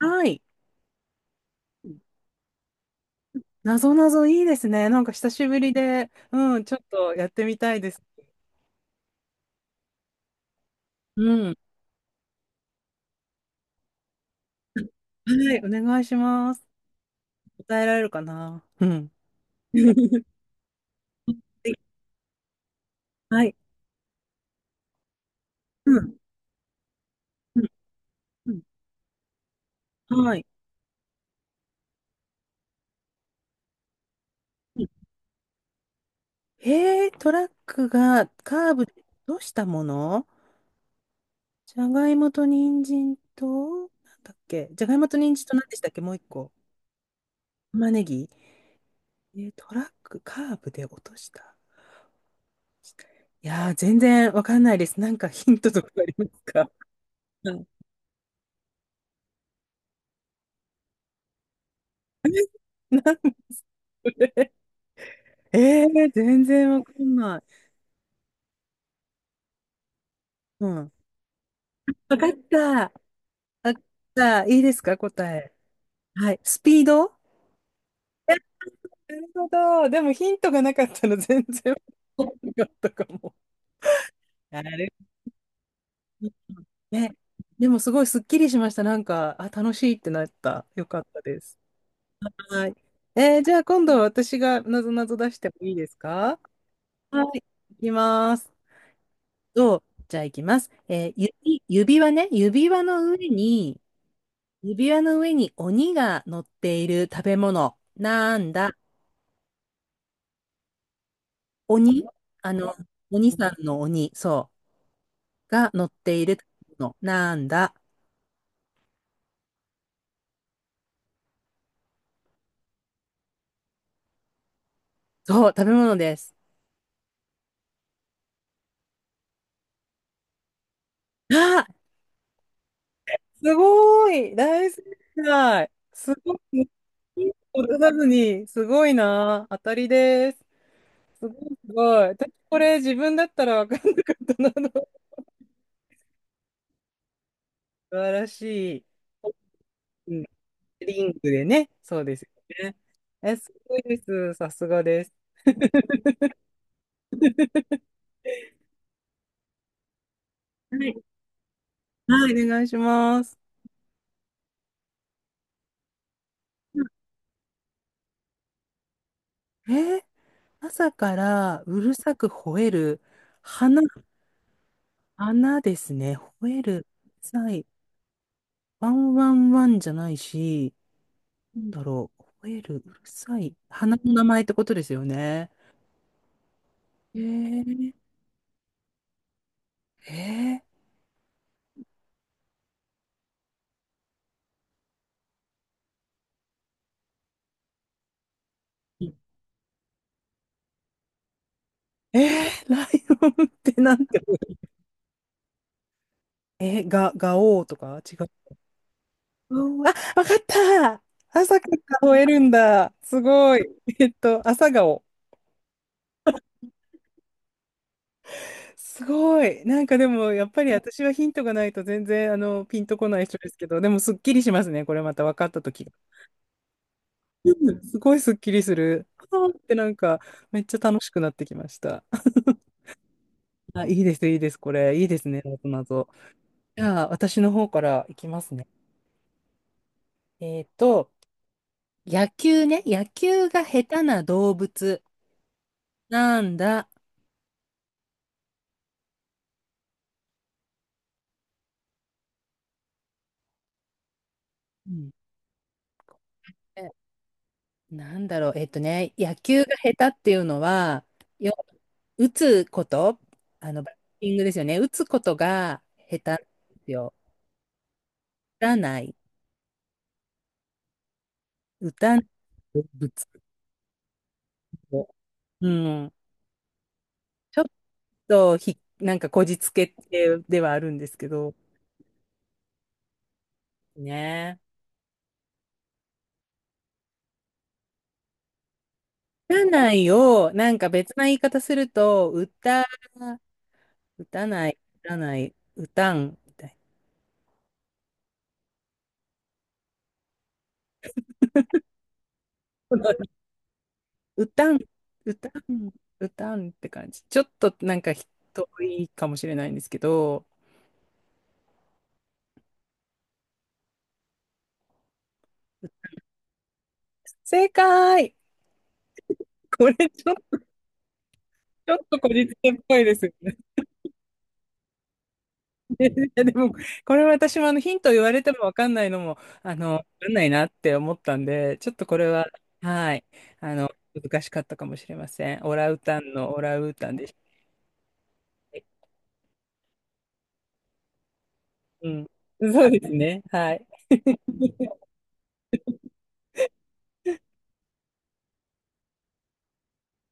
はい。なぞなぞいいですね。なんか久しぶりで、ちょっとやってみたいです。うん。はい、お願いします。答えられるかな。うん。はい。うん。うん。うん。はい。うん。へえ、トラックがカーブでどうしたもの。じゃがいもと人参と、なんだっけ。じゃがいもと人参と何でしたっけ。もう一個。玉ねぎ。トラックカーブで落とした。いやー、全然わかんないです。なんかヒントとかありますか？ なんで 全然わかんない。うん。わかった。わかった。いいですか、答え。はい。スピード。なるほど。でもヒントがなかったら 全然わかんなかったかも。なるほどね。でもすごいすっきりしました。なんか、あ、楽しいってなった。よかったです。はい。じゃあ今度は私がなぞなぞ出してもいいですか？はい。いきます。と、じゃあいきます。指輪ね。指輪の上に、指輪の上に鬼が乗っている食べ物。なんだ。鬼あの、鬼さんの鬼、そう。が乗っている食べ物。なんだ。そう、食べ物です。あ、すごい大正解。すごい。ヒント出さずに、すごいな。当たりです。すごい、すごい。私、これ自分だったら分かんなかったな。素晴らしい。うん、リンクでね。そうですよね。え、すごいです。さすがです。はい、はい、お願いします。うん。えー朝からうるさく吠える。花、花ですね。吠える。うるさい。ワンワンワンじゃないし、なんだろう。吠える。うるさい。花の名前ってことですよね。えー、えー、えライオンってなんて、ガオーとか違う。あ、わかった。朝から吠えるんだ。すごい。朝顔。すごい。なんかでも、やっぱり私はヒントがないと全然、ピンとこない人ですけど、でもすっきりしますね。これまた分かったとき。うん。すごいすっきりする。あーってなんか、めっちゃ楽しくなってきました。あ、いいです、いいです、これ。いいですね、なぞなぞ。じゃあ、私の方からいきますね。えっと、野球ね。野球が下手な動物。なんだ。うん。なんだろう、野球が下手っていうのは、よ、打つこと、バッティングですよね。打つことが下手なんですよ。打たない、打たない、ぶつけて。うん。ちょっとなんかこじつけではあるんですけど、ね。打たないを、なんか別な言い方すると、打たない、打たない、打たん、みたいな。うたん、うたん、うたんって感じ。ちょっとなんか人多いかもしれないんですけど、正解。これちょっとこじつけっぽいですよね。いやでも、これ私もあのヒント言われてもわかんないのも、わかんないなって思ったんで、ちょっとこれは、はい、難しかったかもしれません。オラウータンのオラウータンでしたね。うん。そうですね。はい。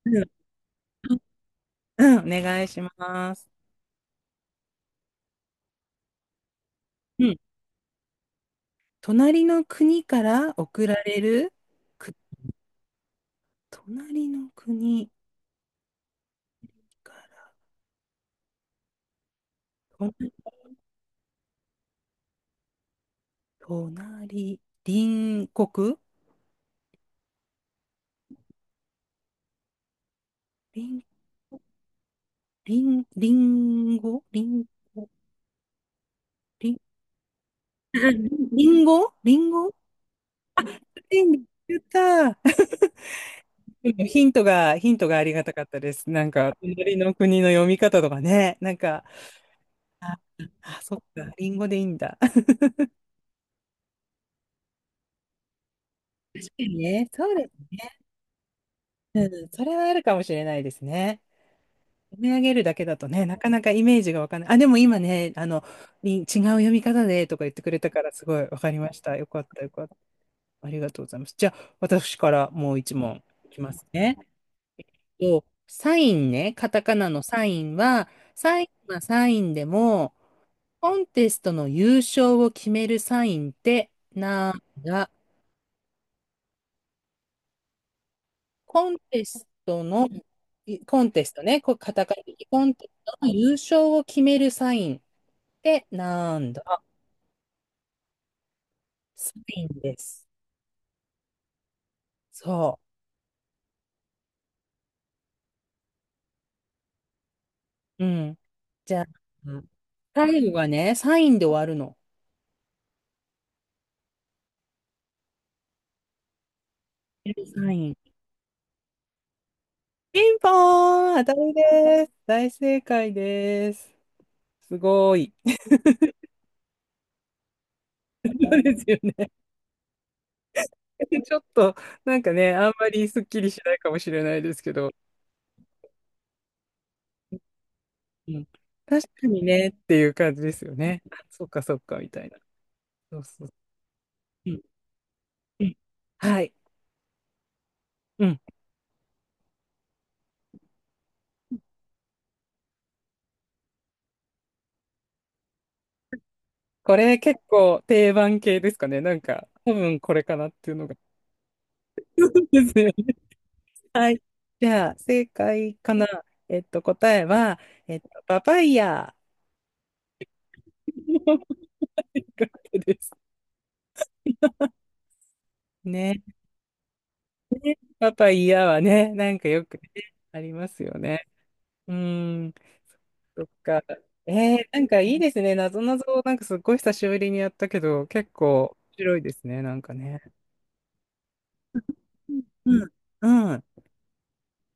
うん、うん、お願いします。うん隣の国から送られる、く、隣の国から、と隣国隣、隣、隣語隣語隣、隣語隣語隣言った。ヒントがありがたかったです。なんか、隣の国の読み方とかね。なんか、あ、あ、そっか、リンゴでいいんだ。確かにね、そうです。うん、それはあるかもしれないですね。読み上げるだけだとね、なかなかイメージがわかんない。あ、でも今ね、違う読み方でとか言ってくれたから、すごいわかりました。よかった、よかった。ありがとうございます。じゃあ、私からもう一問いきますね。サインね、カタカナのサインは、サインはサインでも、コンテストの優勝を決めるサインってなんだ？コンテストの、コンテストね、こうカタカナでコンテストの優勝を決めるサインってなんだ？サインです。そう。うん。じゃあ、最後がね、サインで終わるの。サイン。ピンポーン当たりです。大正解です。すごい。そうですよね。ちょっと、なんかね、あんまりすっきりしないかもしれないですけど、うん、確かにねっていう感じですよね。あそっかそっか、みたいな。そうそう。うん、うん。はい。うん。これ結構定番系ですかね。なんか、多分これかなっていうのが。そうですよ。はい。じゃあ、正解かな。答えは、パパイヤ。よかったです。ね。パパイヤはね、なんかよくね、ありますよね。うーん。そっか。なんかいいですね。なぞなぞ、なんかすっごい久しぶりにやったけど、結構面白いですね。なんかね。うん。うん。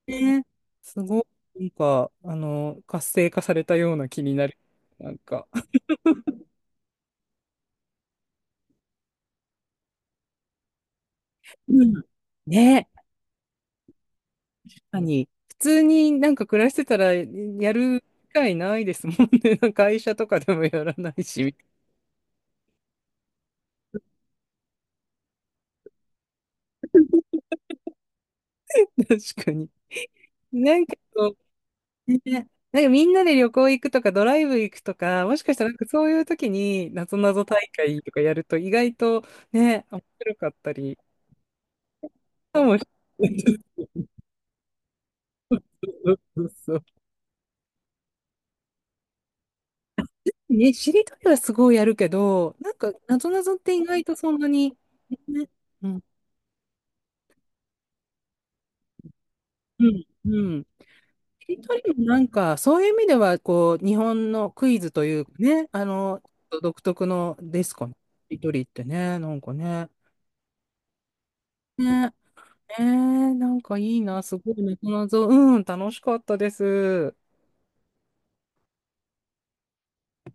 ね。すごい、なんか、活性化されたような気になる。なんか。うん。ね。普通になんか暮らしてたらやる機会ないですもんね。なんか会社とかでもやらないし、確かに。なんかこう、ね、なんかみんなで旅行行くとかドライブ行くとか、もしかしたらなんかそういう時になぞなぞ大会とかやると意外とね、面白かったり、かもしれない。そうそうそう。ね、しりとりはすごいやるけど、なんかなぞなぞって意外とそんなに、ね、うん、うん、うん。しりとりもなんか、そういう意味では、こう、日本のクイズというかね、独特のですかね。しりとりってね、なんかね。ね、なんかいいな、すごいな、謎、楽しかったです。